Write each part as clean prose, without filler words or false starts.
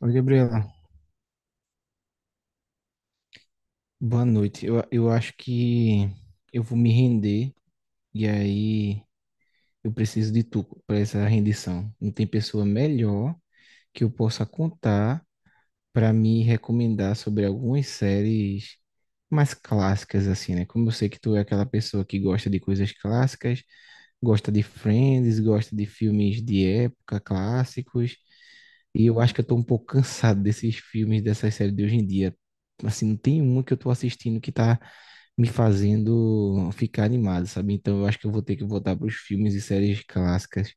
Oi, Gabriela. Boa noite. Eu acho que eu vou me render e aí eu preciso de tu para essa rendição. Não tem pessoa melhor que eu possa contar para me recomendar sobre algumas séries mais clássicas, assim, né? Como eu sei que tu é aquela pessoa que gosta de coisas clássicas, gosta de Friends, gosta de filmes de época, clássicos, e eu acho que eu tô um pouco cansado desses filmes, dessas séries de hoje em dia. Assim, não tem uma que eu tô assistindo que tá me fazendo ficar animado, sabe? Então eu acho que eu vou ter que voltar para os filmes e séries clássicas.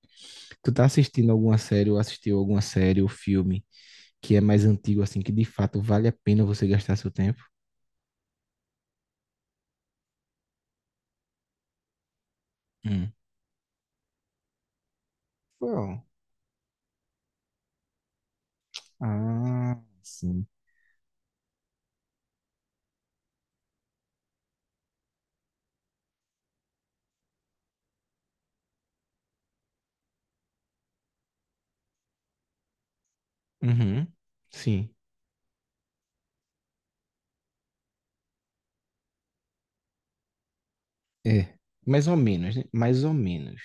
Tu tá assistindo alguma série ou assistiu alguma série ou filme, que é mais antigo, assim, que de fato vale a pena você gastar seu tempo? Hum. Qual? Ah, sim. Uhum. Sim. É. Mais ou menos, né? Mais ou menos.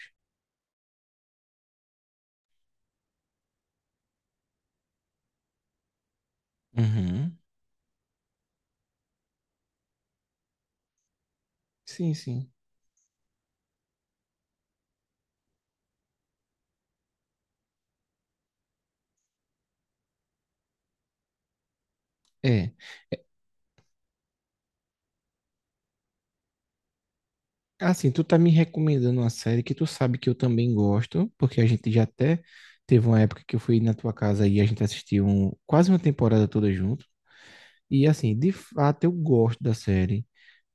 Uhum. Sim, sim. É. Assim, tu tá me recomendando uma série que tu sabe que eu também gosto, porque a gente já até teve uma época que eu fui na tua casa e a gente assistiu quase uma temporada toda junto. E assim, de fato eu gosto da série.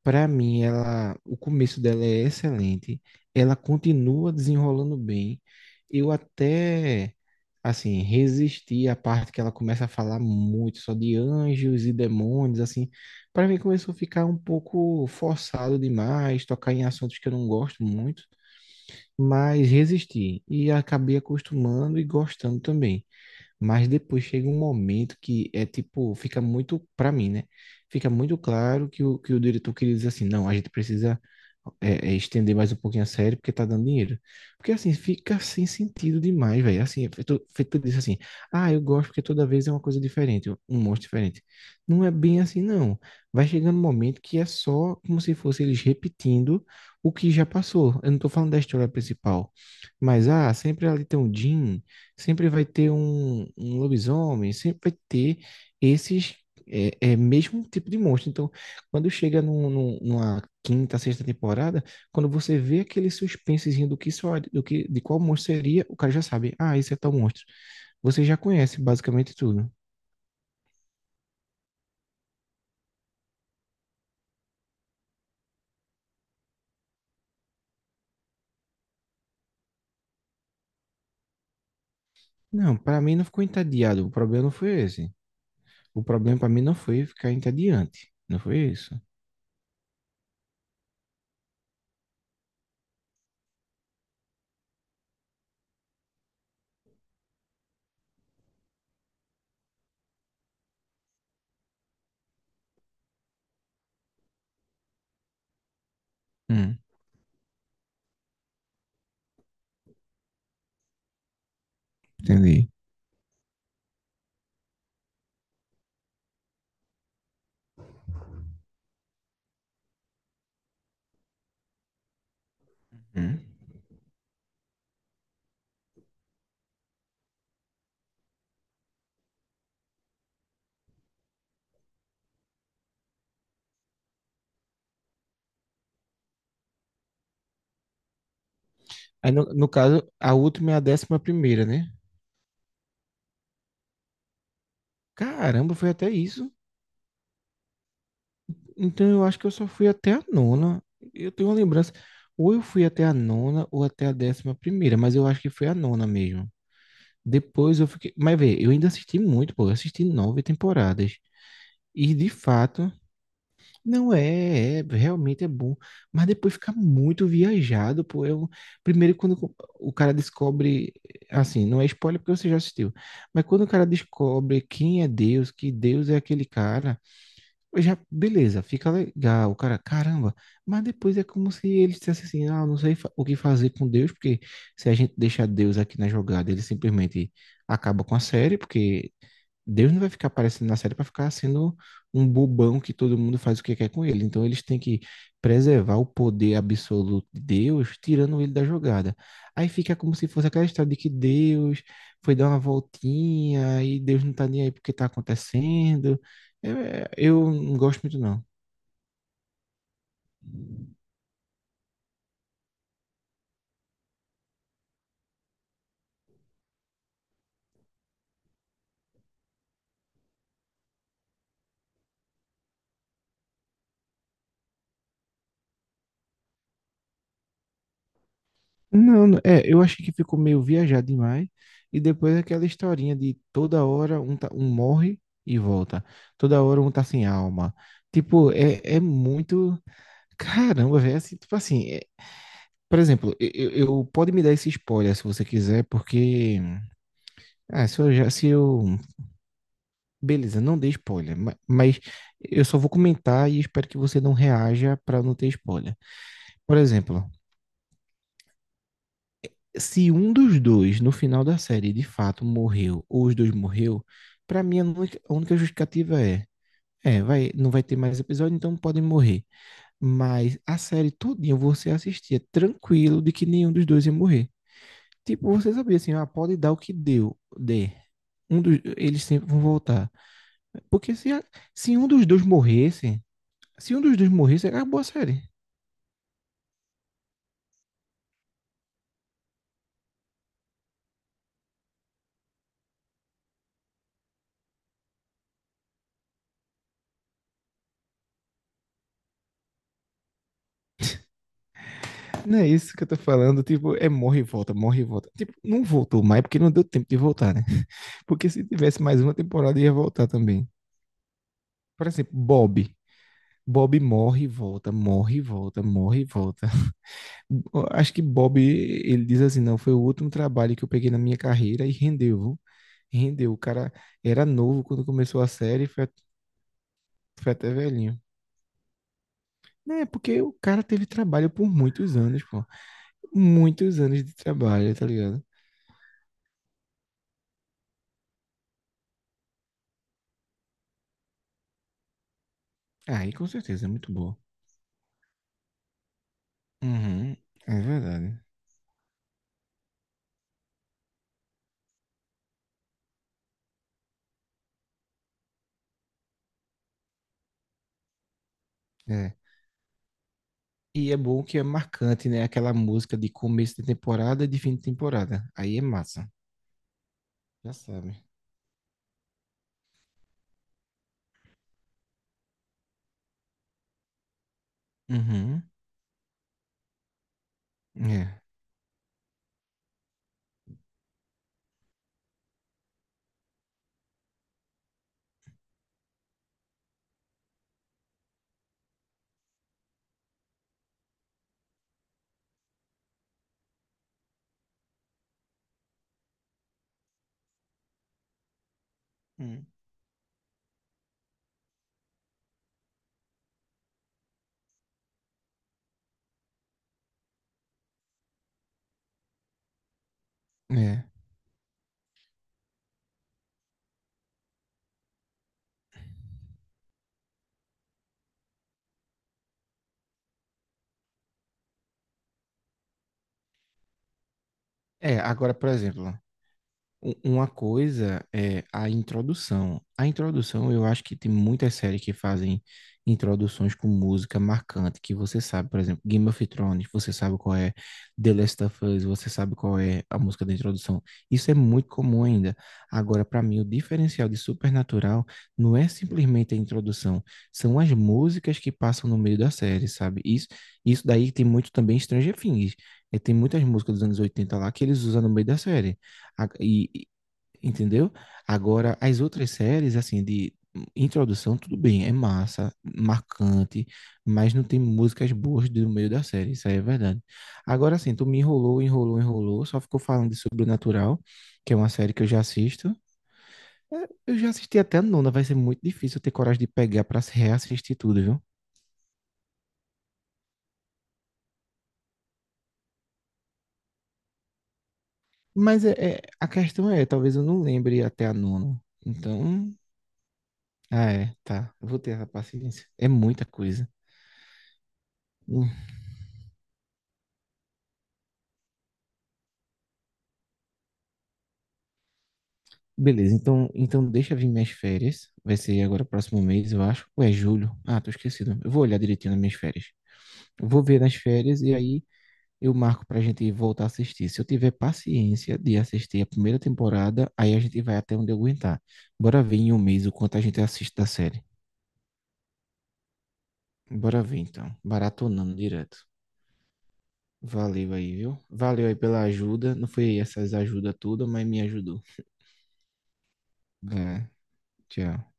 Para mim, ela, o começo dela é excelente. Ela continua desenrolando bem. Eu até, assim, resisti à parte que ela começa a falar muito só de anjos e demônios, assim. Para mim, começou a ficar um pouco forçado demais, tocar em assuntos que eu não gosto muito, mas resisti e acabei acostumando e gostando também. Mas depois chega um momento que é tipo, fica muito, para mim, né? Fica muito claro que que o diretor queria dizer assim, não, a gente precisa estender mais um pouquinho a série porque tá dando dinheiro. Porque assim, fica sem sentido demais, velho. Assim, é feito disso assim, ah, eu gosto porque toda vez é uma coisa diferente, um monstro diferente. Não é bem assim, não. Vai chegando um momento que é só como se fosse eles repetindo o que já passou. Eu não tô falando da história principal. Mas, ah, sempre ali tem o Jim, sempre vai ter um lobisomem, sempre vai ter esses mesmo um tipo de monstro. Então, quando chega numa quinta, sexta temporada, quando você vê aquele suspensezinho do que só, do que, de qual monstro seria, o cara já sabe, ah, esse é tal monstro. Você já conhece basicamente tudo. Não, para mim não ficou entediado. O problema não foi esse. O problema para mim não foi ficar entediante. Não foi isso. Hum, entendi. Hum. Aí, no caso, a última é a décima primeira, né? Caramba, foi até isso. Então eu acho que eu só fui até a nona. Eu tenho uma lembrança. Ou eu fui até a nona ou até a décima primeira, mas eu acho que foi a nona mesmo. Depois eu fiquei. Mas vê, eu ainda assisti muito, pô. Eu assisti nove temporadas. E de fato, não é, é, realmente é bom. Mas depois fica muito viajado, pô. Eu, primeiro, quando o cara descobre. Assim, não é spoiler porque você já assistiu. Mas quando o cara descobre quem é Deus, que Deus é aquele cara já, beleza, fica legal, cara, caramba, mas depois é como se ele dissesse assim, ah, não sei fa- o que fazer com Deus, porque se a gente deixar Deus aqui na jogada, ele simplesmente acaba com a série, porque Deus não vai ficar aparecendo na série para ficar sendo um bobão que todo mundo faz o que quer com ele. Então eles têm que preservar o poder absoluto de Deus, tirando ele da jogada. Aí fica como se fosse aquela história de que Deus foi dar uma voltinha e Deus não tá nem aí porque tá acontecendo. É, eu não gosto muito, não. Eu acho que ficou meio viajado demais. E depois aquela historinha de toda hora um morre e volta. Toda hora um tá sem alma. Tipo, é, é muito. Caramba, velho, é assim, tipo assim, é- por exemplo, pode me dar esse spoiler se você quiser, porque, ah, se eu já, se eu, beleza, não dê spoiler, mas eu só vou comentar e espero que você não reaja pra não ter spoiler. Por exemplo, se um dos dois no final da série de fato morreu, ou os dois morreu, pra mim a única justificativa é, é, vai, não vai ter mais episódio, então podem morrer. Mas a série todinha você assistia tranquilo de que nenhum dos dois ia morrer. Tipo, você sabia assim, ah, pode dar o que deu, dê. Um dos, eles sempre vão voltar. Porque se, a- se um dos dois morresse, se um dos dois morresse, acabou a série. Não é isso que eu tô falando, tipo, é morre e volta, morre e volta. Tipo, não voltou mais porque não deu tempo de voltar, né? Porque se tivesse mais uma temporada, ia voltar também. Por exemplo, Bob. Bob morre e volta, morre e volta, morre e volta. Acho que Bob, ele diz assim, não, foi o último trabalho que eu peguei na minha carreira e rendeu. Rendeu. O cara era novo quando começou a série e foi, foi até velhinho. É, porque o cara teve trabalho por muitos anos, pô. Muitos anos de trabalho, tá ligado? Aí, com certeza, é muito boa. Uhum, é verdade. É. E é bom que é marcante, né? Aquela música de começo de temporada e de fim de temporada. Aí é massa. Já sabe. Uhum. É. Hum. É. É, agora, por exemplo, uma coisa é a introdução. A introdução, eu acho que tem muitas séries que fazem introduções com música marcante, que você sabe, por exemplo, Game of Thrones, você sabe qual é. The Last of Us, você sabe qual é a música da introdução. Isso é muito comum ainda. Agora, para mim, o diferencial de Supernatural não é simplesmente a introdução, são as músicas que passam no meio da série, sabe? Isso, isso daí tem muito também Stranger Things. Tem muitas músicas dos anos 80 lá que eles usam no meio da série. A- E, Entendeu? Agora, as outras séries, assim, de introdução, tudo bem, é massa, marcante, mas não tem músicas boas do meio da série, isso aí é verdade. Agora, assim, tu me enrolou, só ficou falando de Sobrenatural, que é uma série que eu já assisto. É, eu já assisti até a nona, vai ser muito difícil eu ter coragem de pegar pra se reassistir tudo, viu? Mas é, a questão é, talvez eu não lembre até a nona. Então, eu vou ter essa paciência. É muita coisa. Beleza, então, então deixa vir minhas férias. Vai ser agora próximo mês, eu acho. Ou é julho? Ah, tô esquecido. Eu vou olhar direitinho nas minhas férias. Eu vou ver nas férias e aí eu marco pra gente voltar a assistir. Se eu tiver paciência de assistir a primeira temporada, aí a gente vai até onde eu aguentar. Bora ver em um mês o quanto a gente assiste da série. Bora ver então. Baratonando direto. Valeu aí, viu? Valeu aí pela ajuda. Não foi essas ajudas todas, mas me ajudou. É, tchau.